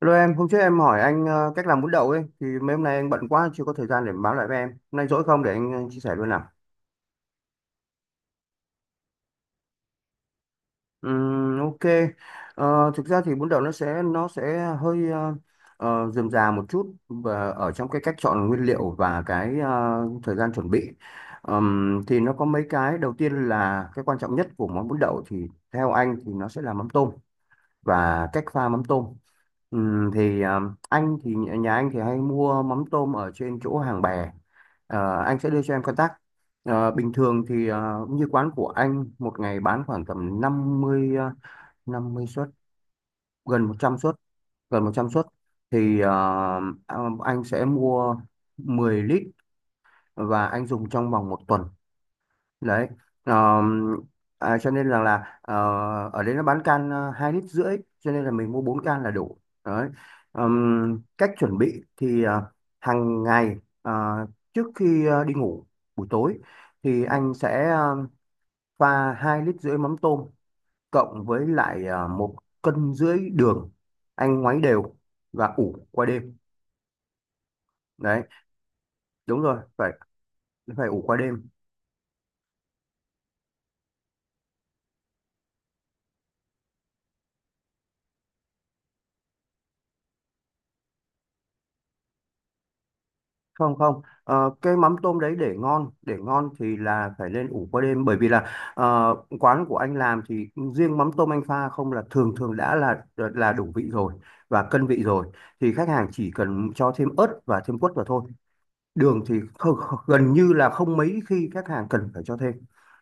Hello em, hôm trước em hỏi anh cách làm bún đậu ấy, thì mấy hôm nay anh bận quá chưa có thời gian để báo lại với em. Hôm nay rỗi không để anh chia sẻ luôn nào. Ok. Thực ra thì bún đậu nó sẽ hơi rườm rà một chút, và ở trong cái cách chọn nguyên liệu và cái thời gian chuẩn bị. Thì nó có mấy cái đầu tiên là cái quan trọng nhất của món bún đậu thì theo anh thì nó sẽ là mắm tôm. Và cách pha mắm tôm. Thì à, anh thì nhà Nhà anh thì hay mua mắm tôm ở trên chỗ Hàng Bè. Anh sẽ đưa cho em contact. Bình thường thì như quán của anh một ngày bán khoảng tầm 50 50 suất, gần 100 suất, gần 100 suất thì à, anh sẽ mua 10 lít và anh dùng trong vòng một tuần. Đấy. Ờ, cho nên rằng là ở đây nó bán can 2,5 lít, cho nên là mình mua 4 can là đủ. Đấy. Cách chuẩn bị thì hàng ngày, trước khi đi ngủ buổi tối, thì anh sẽ pha 2,5 lít mắm tôm, cộng với lại 1,5 cân đường, anh ngoáy đều và ủ qua đêm. Đấy. Đúng rồi, phải phải ủ qua đêm. Không, không. Ờ, cái mắm tôm đấy, để ngon, để ngon thì là phải lên ủ qua đêm, bởi vì là, ờ, quán của anh làm thì riêng mắm tôm anh pha không là thường thường đã là đủ vị rồi, và cân vị rồi. Thì khách hàng chỉ cần cho thêm ớt và thêm quất vào thôi. Đường thì không, không- gần như là không mấy khi khách hàng cần phải cho thêm.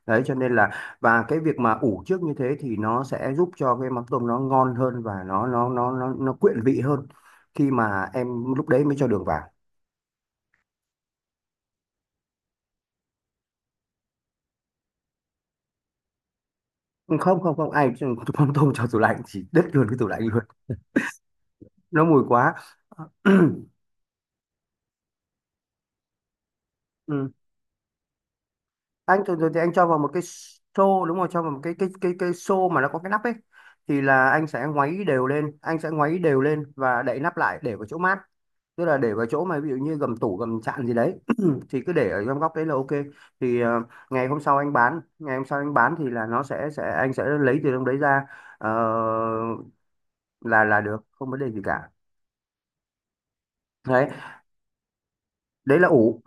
Đấy cho nên là, và cái việc mà ủ trước như thế thì nó sẽ giúp cho cái mắm tôm nó ngon hơn, và nó quyện vị hơn khi mà em, lúc đấy mới cho đường vào. Không, không, không ai cũng không tôm cho tủ lạnh, chỉ đứt luôn cái tủ lạnh luôn. Nó mùi quá. Ừ. Anh thường thường thì anh cho vào một cái xô, đúng không, cho vào một cái xô mà nó có cái nắp ấy. Thì là anh sẽ ngoáy đều lên anh sẽ ngoáy đều lên và đậy nắp lại để vào chỗ mát. Tức là để vào chỗ mà ví dụ như gầm tủ gầm chạn gì đấy. Thì cứ để ở trong góc đấy là ok. Thì ngày hôm sau anh bán thì là nó sẽ anh sẽ lấy từ trong đấy ra. ờ, là được, không vấn đề gì cả. Đấy. Đấy là ủ.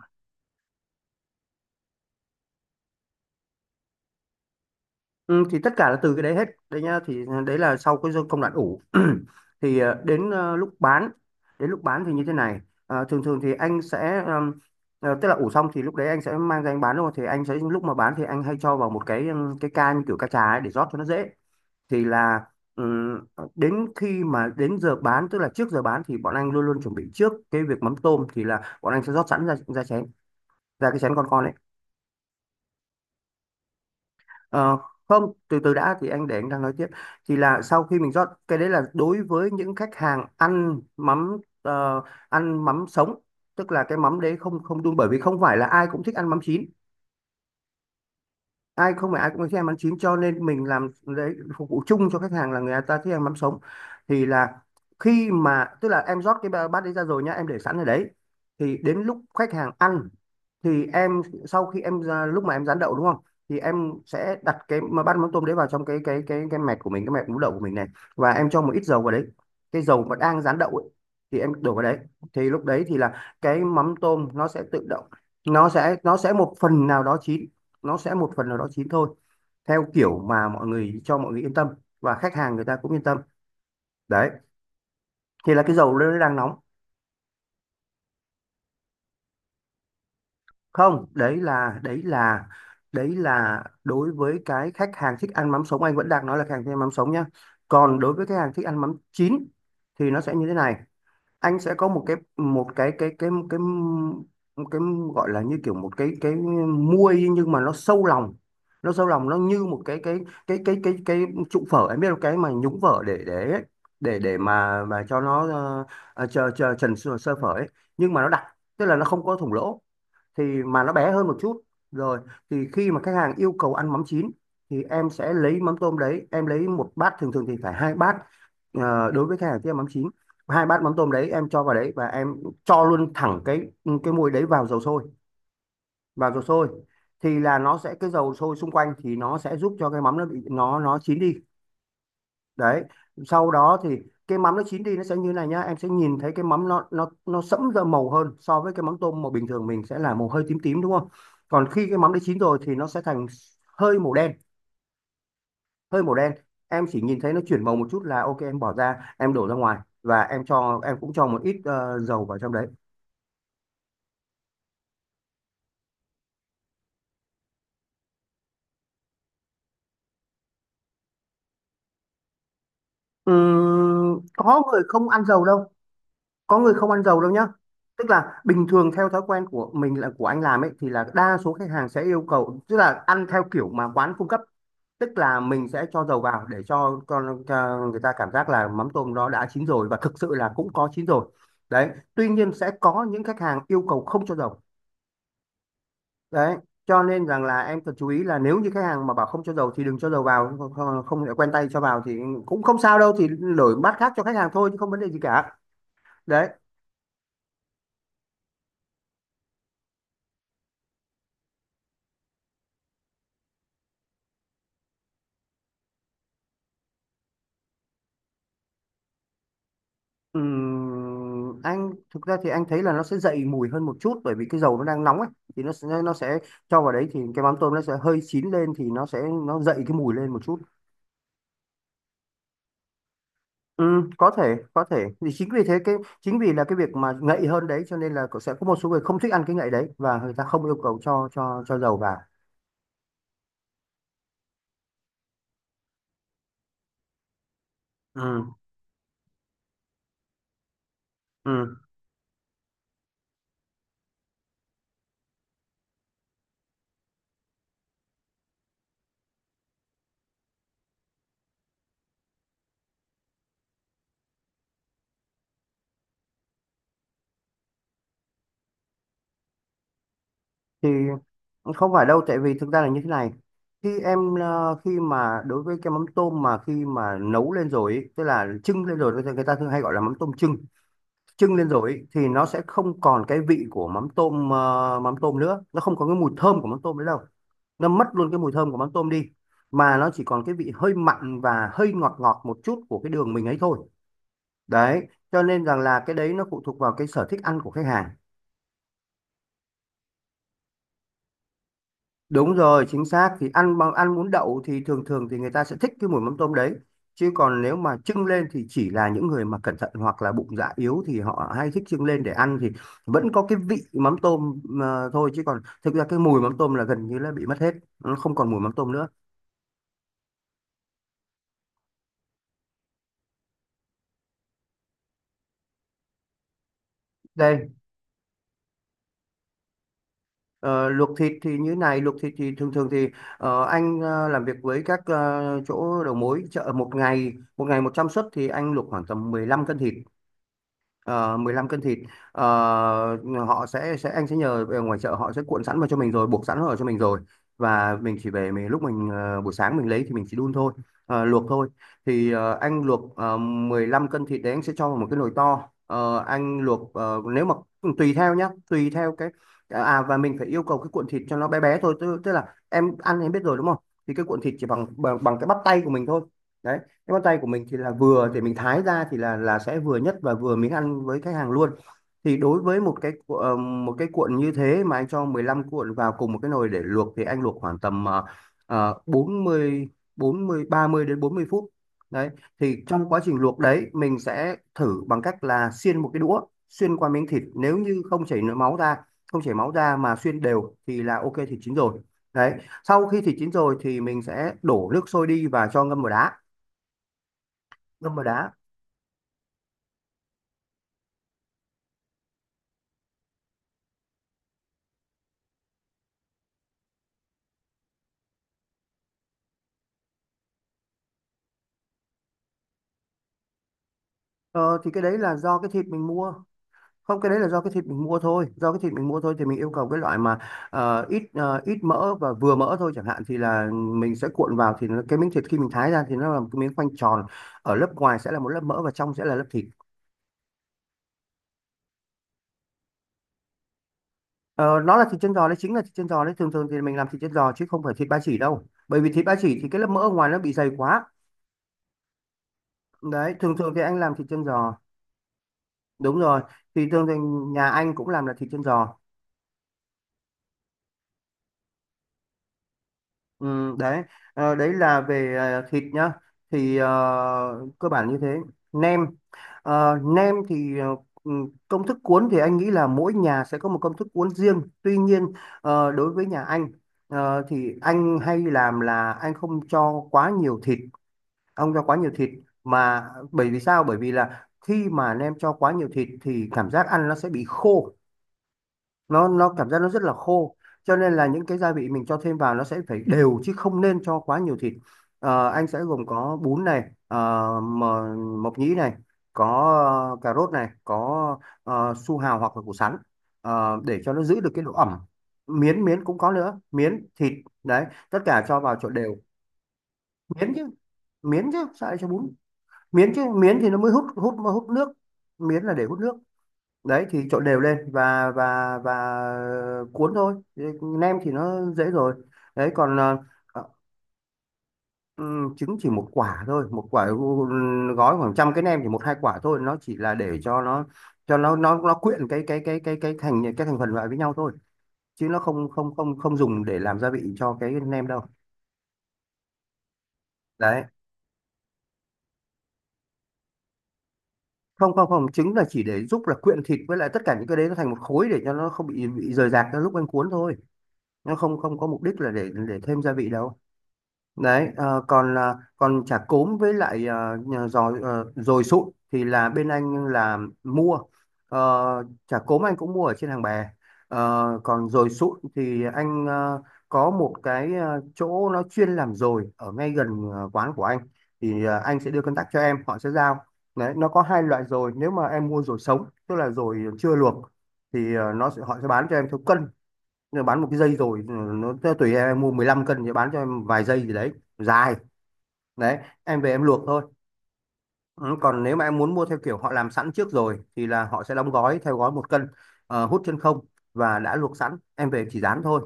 Ừ, thì tất cả là từ cái đấy hết đấy nhá, thì đấy là sau cái công đoạn ủ. Thì đến lúc bán. Đến lúc bán thì như thế này. Thường thường thì anh sẽ tức là ủ xong thì lúc đấy anh sẽ mang ra anh bán luôn, thì anh sẽ lúc mà bán thì anh hay cho vào một cái, cái ca như kiểu ca trà ấy, để rót cho nó dễ. Thì là, ừm, đến khi mà đến giờ bán, tức là trước giờ bán thì bọn anh luôn luôn chuẩn bị trước cái việc mắm tôm, thì là bọn anh sẽ rót sẵn ra ra chén, ra cái chén con ấy. Ờ, Không, từ từ đã, thì anh để anh đang nói tiếp. Thì là sau khi mình rót cái đấy là đối với những khách hàng ăn mắm, ăn mắm sống. Tức là cái mắm đấy không không đun, bởi vì không phải là ai cũng thích ăn mắm chín. Không phải ai cũng thích ăn mắm chín, cho nên mình làm đấy phục vụ chung cho khách hàng là người ta thích ăn mắm sống. Thì là khi mà tức là em rót cái bát đấy ra rồi nhá, em để sẵn ở đấy. Thì đến lúc khách hàng ăn, thì em sau khi em lúc mà em rán đậu, đúng không, thì em sẽ đặt cái mà bát mắm tôm đấy vào trong cái mẹt của mình, cái mẹt mú đậu của mình này, và em cho một ít dầu vào đấy. Cái dầu mà đang rán đậu ấy, thì em đổ vào đấy. Thì lúc đấy thì là cái mắm tôm nó sẽ tự động, nó sẽ một phần nào đó chín. Nó sẽ một phần nào đó chín thôi, theo kiểu mà mọi người, cho mọi người yên tâm, và khách hàng người ta cũng yên tâm. Đấy. Thì là cái dầu nó đang nóng. Không, đấy là đối với cái khách hàng thích ăn mắm sống, anh vẫn đang nói là khách hàng thích ăn mắm sống nhá. Còn đối với khách hàng thích ăn mắm chín thì nó sẽ như thế này. Anh sẽ có một cái một cái gọi là như kiểu một cái muôi nhưng mà nó sâu lòng. Nó như một cái trụ phở, em biết là cái mà nhúng phở để ấy, để mà cho nó chờ chờ trần sơ sơ phở ấy, nhưng mà nó đặc, tức là nó không có thủng lỗ, thì mà nó bé hơn một chút. Rồi. Thì khi mà khách hàng yêu cầu ăn mắm chín thì em sẽ lấy mắm tôm đấy, em lấy một bát, thường thường thì phải hai bát, đối với khách hàng kia mắm chín, hai bát mắm tôm đấy em cho vào đấy và em cho luôn thẳng cái muối đấy vào dầu sôi, vào dầu sôi. Thì là nó sẽ, cái dầu sôi xung quanh thì nó sẽ giúp cho cái mắm nó bị nó chín đi. Đấy. Sau đó thì cái mắm nó chín đi, nó sẽ như này nhá, em sẽ nhìn thấy cái mắm nó sẫm ra màu hơn so với cái mắm tôm mà bình thường mình sẽ là màu hơi tím tím, đúng không. Còn khi cái mắm đã chín rồi thì nó sẽ thành hơi màu đen, hơi màu đen. Em chỉ nhìn thấy nó chuyển màu một chút là ok, em bỏ ra, em đổ ra ngoài, và em cho em cũng cho một ít dầu vào trong đấy. Có người không ăn dầu đâu. Có người không ăn dầu đâu nhá. Tức là bình thường theo thói quen của mình, là của anh làm ấy, thì là đa số khách hàng sẽ yêu cầu, tức là ăn theo kiểu mà quán cung cấp. Tức là mình sẽ cho dầu vào để cho người ta cảm giác là mắm tôm nó đã chín rồi, và thực sự là cũng có chín rồi. Đấy. Tuy nhiên sẽ có những khách hàng yêu cầu không cho dầu. Đấy. Cho nên rằng là em cần chú ý là, nếu như khách hàng mà bảo không cho dầu thì đừng cho dầu vào, không, không lại quen tay cho vào thì cũng không sao đâu, thì đổi bát khác cho khách hàng thôi chứ không vấn đề gì cả. Đấy. Anh thực ra thì anh thấy là nó sẽ dậy mùi hơn một chút, bởi vì cái dầu nó đang nóng ấy, thì nó sẽ cho vào đấy thì cái mắm tôm nó sẽ hơi chín lên, thì nó sẽ, nó dậy cái mùi lên một chút. Có thể, có thể thì chính vì thế chính vì là cái việc mà ngậy hơn đấy cho nên là, sẽ có một số người không thích ăn cái ngậy đấy, và người ta không yêu cầu cho dầu vào. Ừm, ừm. Thì không phải đâu, tại vì thực ra là như thế này. Khi mà đối với cái mắm tôm mà khi mà nấu lên rồi ý, tức là trưng lên rồi người ta thường hay gọi là mắm tôm trưng, trưng lên rồi ý, thì nó sẽ không còn cái vị của mắm tôm mắm tôm nữa, nó không có cái mùi thơm của mắm tôm nữa đâu. Nó mất luôn cái mùi thơm của mắm tôm đi, mà nó chỉ còn cái vị hơi mặn và hơi ngọt ngọt một chút của cái đường mình ấy thôi. Đấy, cho nên rằng là cái đấy nó phụ thuộc vào cái sở thích ăn của khách hàng. Đúng rồi, chính xác thì ăn bằng ăn bún đậu thì thường thường thì người ta sẽ thích cái mùi mắm tôm đấy. Chứ còn nếu mà trưng lên thì chỉ là những người mà cẩn thận hoặc là bụng dạ yếu thì họ hay thích trưng lên để ăn thì vẫn có cái vị mắm tôm thôi, chứ còn thực ra cái mùi mắm tôm là gần như là bị mất hết, nó không còn mùi mắm tôm nữa. Đây, ờ, luộc thịt thì như này, luộc thịt thì thường thường thì anh làm việc với các chỗ đầu mối chợ một ngày, một ngày 100 suất thì anh luộc khoảng tầm 15 cân thịt. ờ, 15 cân thịt. Ờ, họ sẽ anh sẽ nhờ ở ngoài chợ, họ sẽ cuộn sẵn vào cho mình rồi, buộc sẵn vào cho mình rồi, và mình chỉ về mình lúc mình buổi sáng mình lấy thì mình chỉ đun thôi, luộc thôi. Thì anh luộc 15 cân thịt đấy, anh sẽ cho vào một cái nồi to. Ờ, anh luộc nếu mà tùy theo nhá, tùy theo cái và mình phải yêu cầu cái cuộn thịt cho nó bé bé thôi, tức là em ăn em biết rồi đúng không? Thì cái cuộn thịt chỉ bằng bằng, bằng cái bắp tay của mình thôi. Đấy, cái bắp tay của mình thì là vừa để mình thái ra thì là sẽ vừa nhất và vừa miếng ăn với khách hàng luôn. Thì đối với một cái cuộn như thế mà anh cho 15 cuộn vào cùng một cái nồi để luộc thì anh luộc khoảng tầm 40 40 30 đến 40 phút Đấy, thì trong quá trình luộc đấy mình sẽ thử bằng cách là xiên một cái đũa xuyên qua miếng thịt, nếu như không chảy nước máu ra, không chảy máu ra mà xuyên đều thì là ok, thịt chín rồi. Đấy, sau khi thịt chín rồi thì mình sẽ đổ nước sôi đi và cho ngâm vào đá. Ngâm vào đá. Ờ, thì cái đấy là do cái thịt mình mua, không, cái đấy là do cái thịt mình mua thôi, do cái thịt mình mua thôi, thì mình yêu cầu cái loại mà ít ít mỡ và vừa mỡ thôi chẳng hạn, thì là mình sẽ cuộn vào thì nó, cái miếng thịt khi mình thái ra thì nó là một cái miếng khoanh tròn, ở lớp ngoài sẽ là một lớp mỡ và trong sẽ là lớp thịt. Ờ, nó là thịt chân giò đấy, chính là thịt chân giò đấy, thường thường thì mình làm thịt chân giò chứ không phải thịt ba chỉ đâu, bởi vì thịt ba chỉ thì cái lớp mỡ ở ngoài nó bị dày quá. Đấy, thường thường thì anh làm thịt chân giò. Đúng rồi, thì thường thường nhà anh cũng làm là thịt chân giò. Ừ, đấy. Đấy là về thịt nhá, thì cơ bản như thế. Nem. Nem thì ừ, công thức cuốn thì anh nghĩ là mỗi nhà sẽ có một công thức cuốn riêng, tuy nhiên đối với nhà anh, thì anh hay làm là anh không cho quá nhiều thịt, không cho quá nhiều thịt. Mà bởi vì sao? Bởi vì là khi mà nem cho quá nhiều thịt thì cảm giác ăn nó sẽ bị khô, nó cảm giác nó rất là khô. Cho nên là những cái gia vị mình cho thêm vào nó sẽ phải đều, chứ không nên cho quá nhiều thịt. Ờ, anh sẽ gồm có bún này, ờ, mờ- mộc nhĩ này, có cà rốt này, có su hào hoặc là củ sắn, để cho nó giữ được cái độ ẩm. Miến miến cũng có nữa, miến thịt. Đấy, tất cả cho vào trộn đều. Miến chứ, miến chứ, sao lại cho bún? Miến chứ miến thì nó mới hút hút hút nước. Miến là để hút nước. Đấy, thì trộn đều lên và cuốn thôi. Thế, nem thì nó dễ rồi. Đấy, còn ờ, trứng chỉ một quả thôi, một quả. Gói khoảng trăm cái nem thì một hai quả thôi, nó chỉ là để cho nó, cho nó nó quyện cái thành cái thành phần lại với nhau thôi, chứ nó không không không không dùng để làm gia vị cho cái nem đâu. Đấy, không không không trứng là chỉ để giúp là quyện thịt với lại tất cả những cái đấy nó thành một khối, để cho nó không bị rời rạc ra lúc anh cuốn thôi. Nó không không có mục đích là để thêm gia vị đâu. Đấy, còn còn chả cốm với lại giò, dồi sụn thì là bên anh là mua chả cốm anh cũng mua ở trên hàng bè. Ờ, còn dồi sụn thì anh có một cái chỗ nó chuyên làm dồi ở ngay gần quán của anh, thì anh sẽ đưa contact cho em, họ sẽ giao. Đấy, nó có hai loại dồi, nếu mà em mua dồi sống tức là dồi chưa luộc thì nó sẽ họ sẽ bán cho em theo cân. Nó bán một cái dây rồi nó tùy em mua 15 cân thì bán cho em vài dây gì đấy, dài. Đấy, em về em luộc thôi. Ừ, còn nếu mà em muốn mua theo kiểu họ làm sẵn trước rồi thì là họ sẽ đóng gói theo gói một cân, hút chân không, và đã luộc sẵn em về chỉ rán thôi.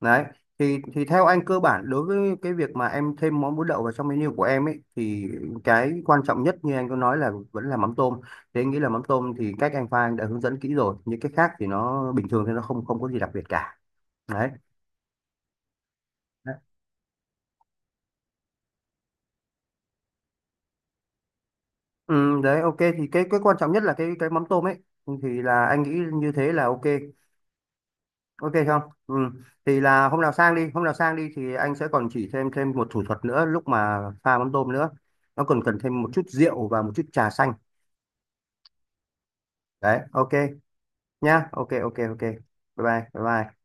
Đấy, thì theo anh cơ bản đối với cái việc mà em thêm món bún đậu vào trong menu của em ấy thì cái quan trọng nhất như anh có nói là vẫn là mắm tôm. Thế anh nghĩ là mắm tôm thì cách anh pha anh đã hướng dẫn kỹ rồi, những cái khác thì nó bình thường thì nó không không có gì đặc biệt cả. Đấy. Ừ, Đấy ok, thì cái quan trọng nhất là cái mắm tôm ấy. Ừ, thì là anh nghĩ như thế là ok. Ok không? Ừ. Thì là hôm nào sang đi, hôm nào sang đi thì anh sẽ còn chỉ thêm thêm một thủ thuật nữa lúc mà pha mắm tôm nữa. Nó còn cần thêm một chút rượu và một chút trà xanh. Đấy, ok nhá. Ok, ok, ok, bye. Bye bye. Bye.